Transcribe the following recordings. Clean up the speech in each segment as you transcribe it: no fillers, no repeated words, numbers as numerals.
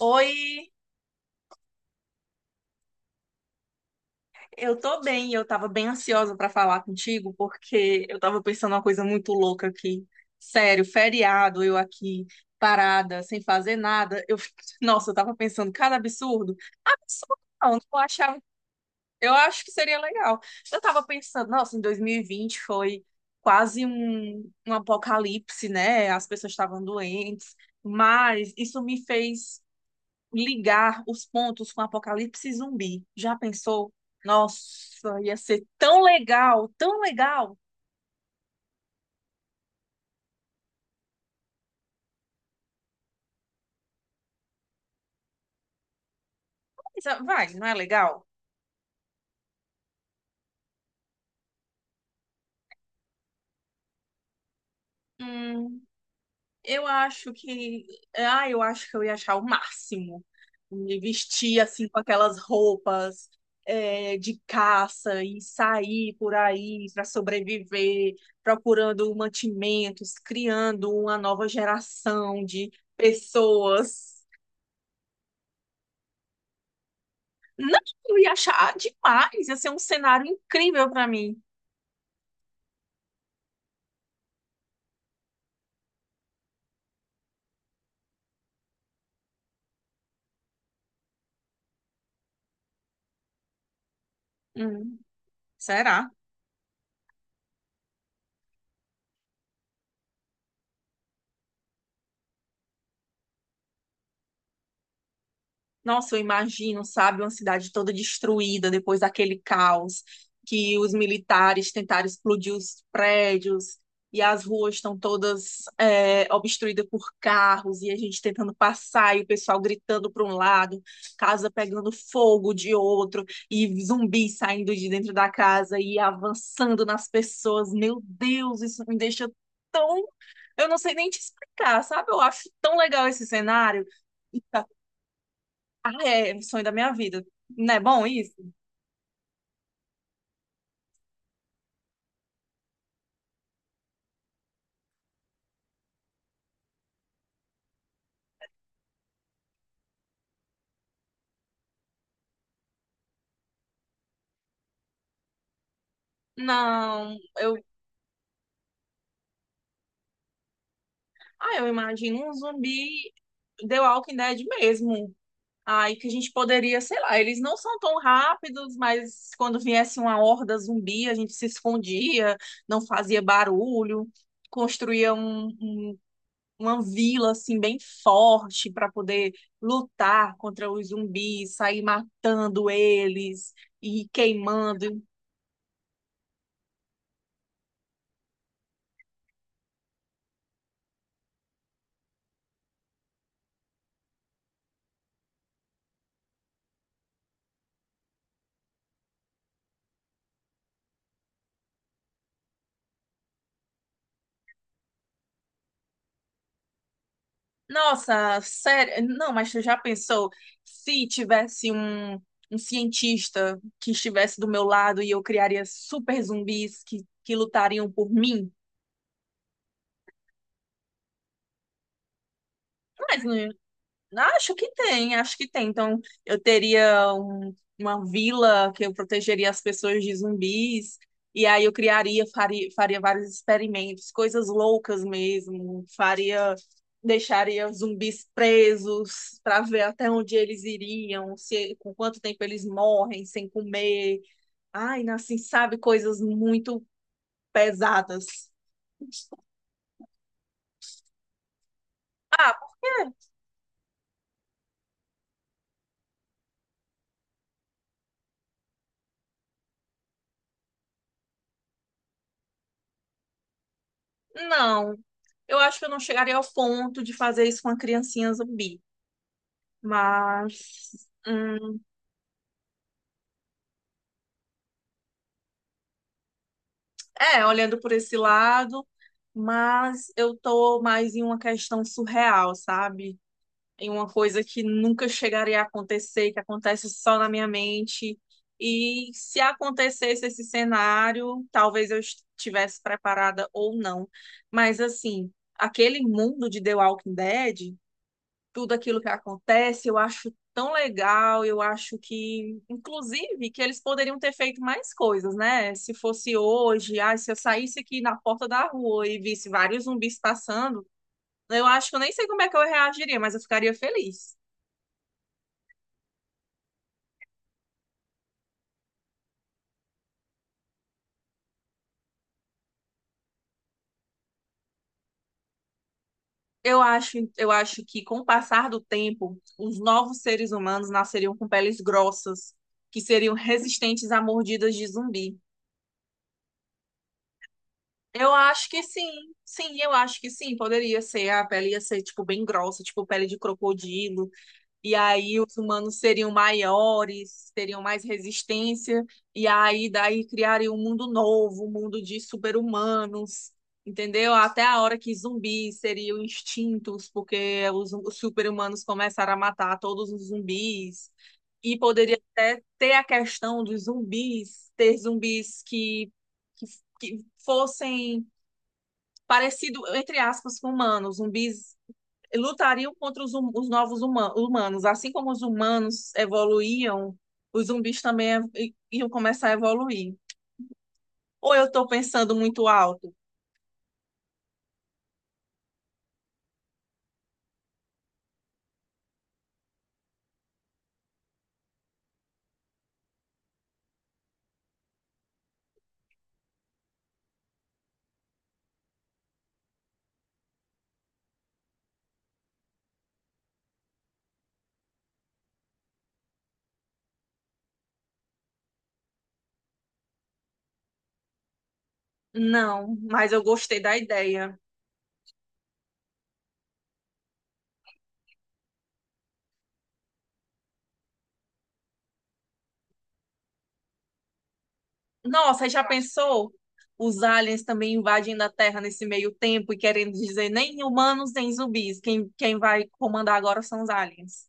Oi, eu tô bem. Eu tava bem ansiosa pra falar contigo porque eu tava pensando uma coisa muito louca aqui. Sério, feriado, eu aqui parada, sem fazer nada. Nossa, eu tava pensando cada absurdo. Absurdo não, não achava. Eu acho que seria legal. Eu tava pensando, nossa, em 2020 foi quase um apocalipse, né? As pessoas estavam doentes, mas isso me fez ligar os pontos com Apocalipse Zumbi. Já pensou? Nossa, ia ser tão legal, tão legal. Mas, ah, vai, não é legal? Hum, eu acho que. Ah, eu acho que eu ia achar o máximo. Me vestir assim com aquelas roupas de caça e sair por aí para sobreviver, procurando mantimentos, criando uma nova geração de pessoas. Não, eu ia achar demais, ia ser um cenário incrível pra mim. Hum, será? Nossa, eu imagino, sabe, uma cidade toda destruída depois daquele caos que os militares tentaram explodir os prédios e as ruas estão todas obstruídas por carros e a gente tentando passar e o pessoal gritando para um lado, casa pegando fogo de outro e zumbi saindo de dentro da casa e avançando nas pessoas. Meu Deus, isso me deixa tão... Eu não sei nem te explicar, sabe? Eu acho tão legal esse cenário. É, sonho da minha vida. Não é bom isso? Não, eu, ah, eu imagino um zumbi The Walking Dead mesmo. Aí que a gente poderia, sei lá, eles não são tão rápidos, mas quando viesse uma horda zumbi, a gente se escondia, não fazia barulho, construía um, um- uma vila assim bem forte para poder lutar contra os zumbis, sair matando eles e queimando. Nossa, sério. Não, mas tu já pensou se tivesse um cientista que estivesse do meu lado e eu criaria super zumbis que lutariam por mim? Mas não, acho que tem, acho que tem. Então, uma vila que eu protegeria as pessoas de zumbis, e aí eu criaria, faria, faria vários experimentos, coisas loucas mesmo. Faria, deixaria zumbis presos para ver até onde eles iriam, se, com quanto tempo eles morrem sem comer. Ai, assim, sabe, coisas muito pesadas. Ah, por quê? Não. Eu acho que eu não chegaria ao ponto de fazer isso com a criancinha zumbi. Mas, é, olhando por esse lado, mas eu tô mais em uma questão surreal, sabe? Em uma coisa que nunca chegaria a acontecer, que acontece só na minha mente. E se acontecesse esse cenário, talvez eu estivesse preparada ou não. Mas, assim, aquele mundo de The Walking Dead, tudo aquilo que acontece, eu acho tão legal, eu acho que, inclusive, que eles poderiam ter feito mais coisas, né? Se fosse hoje, ah, se eu saísse aqui na porta da rua e visse vários zumbis passando, eu acho que eu nem sei como é que eu reagiria, mas eu ficaria feliz. Eu acho que com o passar do tempo, os novos seres humanos nasceriam com peles grossas, que seriam resistentes a mordidas de zumbi. Eu acho que sim, sim, eu acho que sim, poderia ser, a pele ia ser, tipo, bem grossa, tipo pele de crocodilo, e aí os humanos seriam maiores, teriam mais resistência, e aí daí criariam um mundo novo, um mundo de super-humanos, entendeu? Até a hora que zumbis seriam extintos, porque os super-humanos começaram a matar todos os zumbis, e poderia até ter a questão dos zumbis, ter zumbis que que fossem parecido, entre aspas, com humanos. Zumbis lutariam contra os novos humanos. Assim como os humanos evoluíam, os zumbis também iam começar a evoluir. Ou eu estou pensando muito alto? Não, mas eu gostei da ideia. Nossa, já pensou? Os aliens também invadindo a Terra nesse meio tempo e querendo dizer nem humanos nem zumbis. Quem vai comandar agora são os aliens.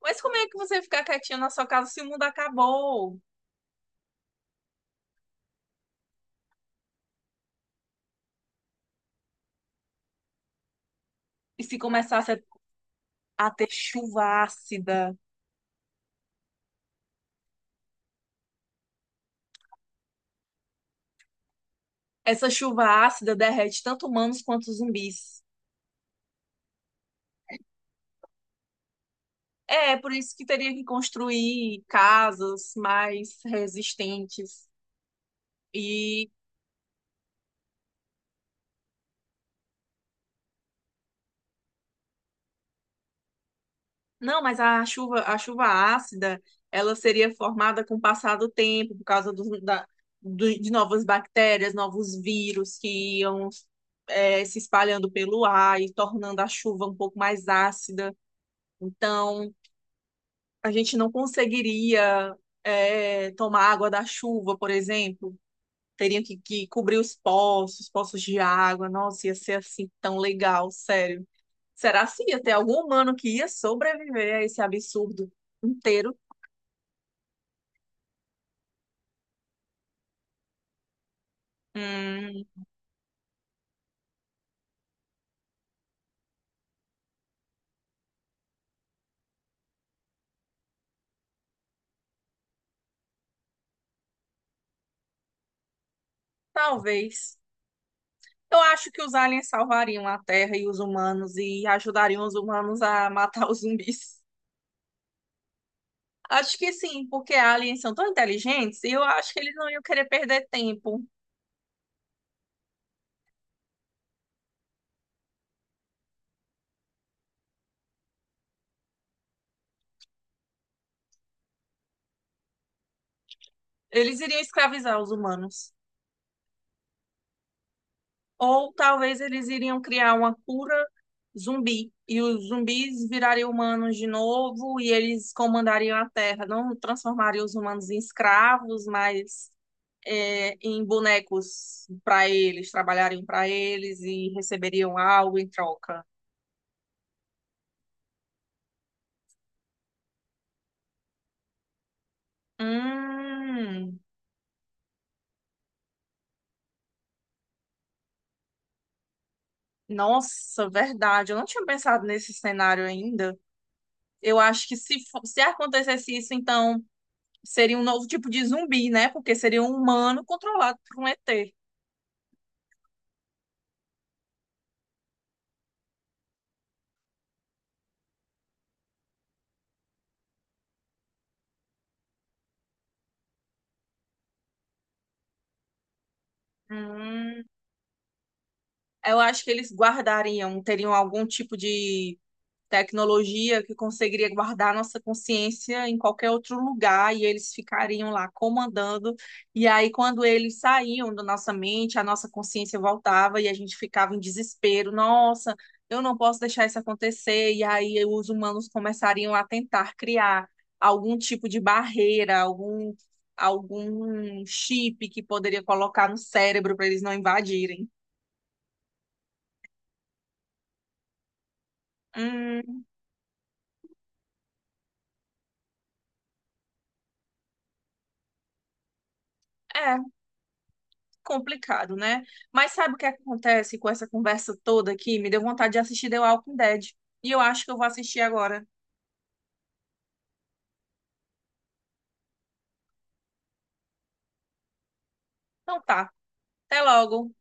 Mas como é que você ficar quietinho na sua casa se o mundo acabou? E se começasse a ter chuva ácida. Essa chuva ácida derrete tanto humanos quanto zumbis. É, por isso que teria que construir casas mais resistentes. E não, mas a chuva ácida, ela seria formada com o passar do tempo, por causa de novas bactérias, novos vírus que iam se espalhando pelo ar e tornando a chuva um pouco mais ácida. Então, a gente não conseguiria tomar água da chuva, por exemplo. Teriam que cobrir os poços, poços de água. Nossa, ia ser assim tão legal, sério. Será se ia ter algum humano que ia sobreviver a esse absurdo inteiro? Hum, talvez. Eu acho que os aliens salvariam a Terra e os humanos e ajudariam os humanos a matar os zumbis. Acho que sim, porque aliens são tão inteligentes e eu acho que eles não iam querer perder tempo. Eles iriam escravizar os humanos. Ou talvez eles iriam criar uma cura zumbi. E os zumbis virariam humanos de novo e eles comandariam a Terra. Não transformariam os humanos em escravos, mas em bonecos para eles, trabalhariam para eles e receberiam algo em troca. Hum, nossa, verdade. Eu não tinha pensado nesse cenário ainda. Eu acho que se acontecesse isso, então seria um novo tipo de zumbi, né? Porque seria um humano controlado por um ET. Hum, eu acho que eles guardariam, teriam algum tipo de tecnologia que conseguiria guardar nossa consciência em qualquer outro lugar e eles ficariam lá comandando. E aí, quando eles saíam da nossa mente, a nossa consciência voltava e a gente ficava em desespero. Nossa, eu não posso deixar isso acontecer. E aí, os humanos começariam a tentar criar algum tipo de barreira, algum chip que poderia colocar no cérebro para eles não invadirem. Hum, é complicado, né? Mas sabe o que acontece com essa conversa toda aqui? Me deu vontade de assistir The Walking Dead. E eu acho que eu vou assistir agora. Então tá. Até logo.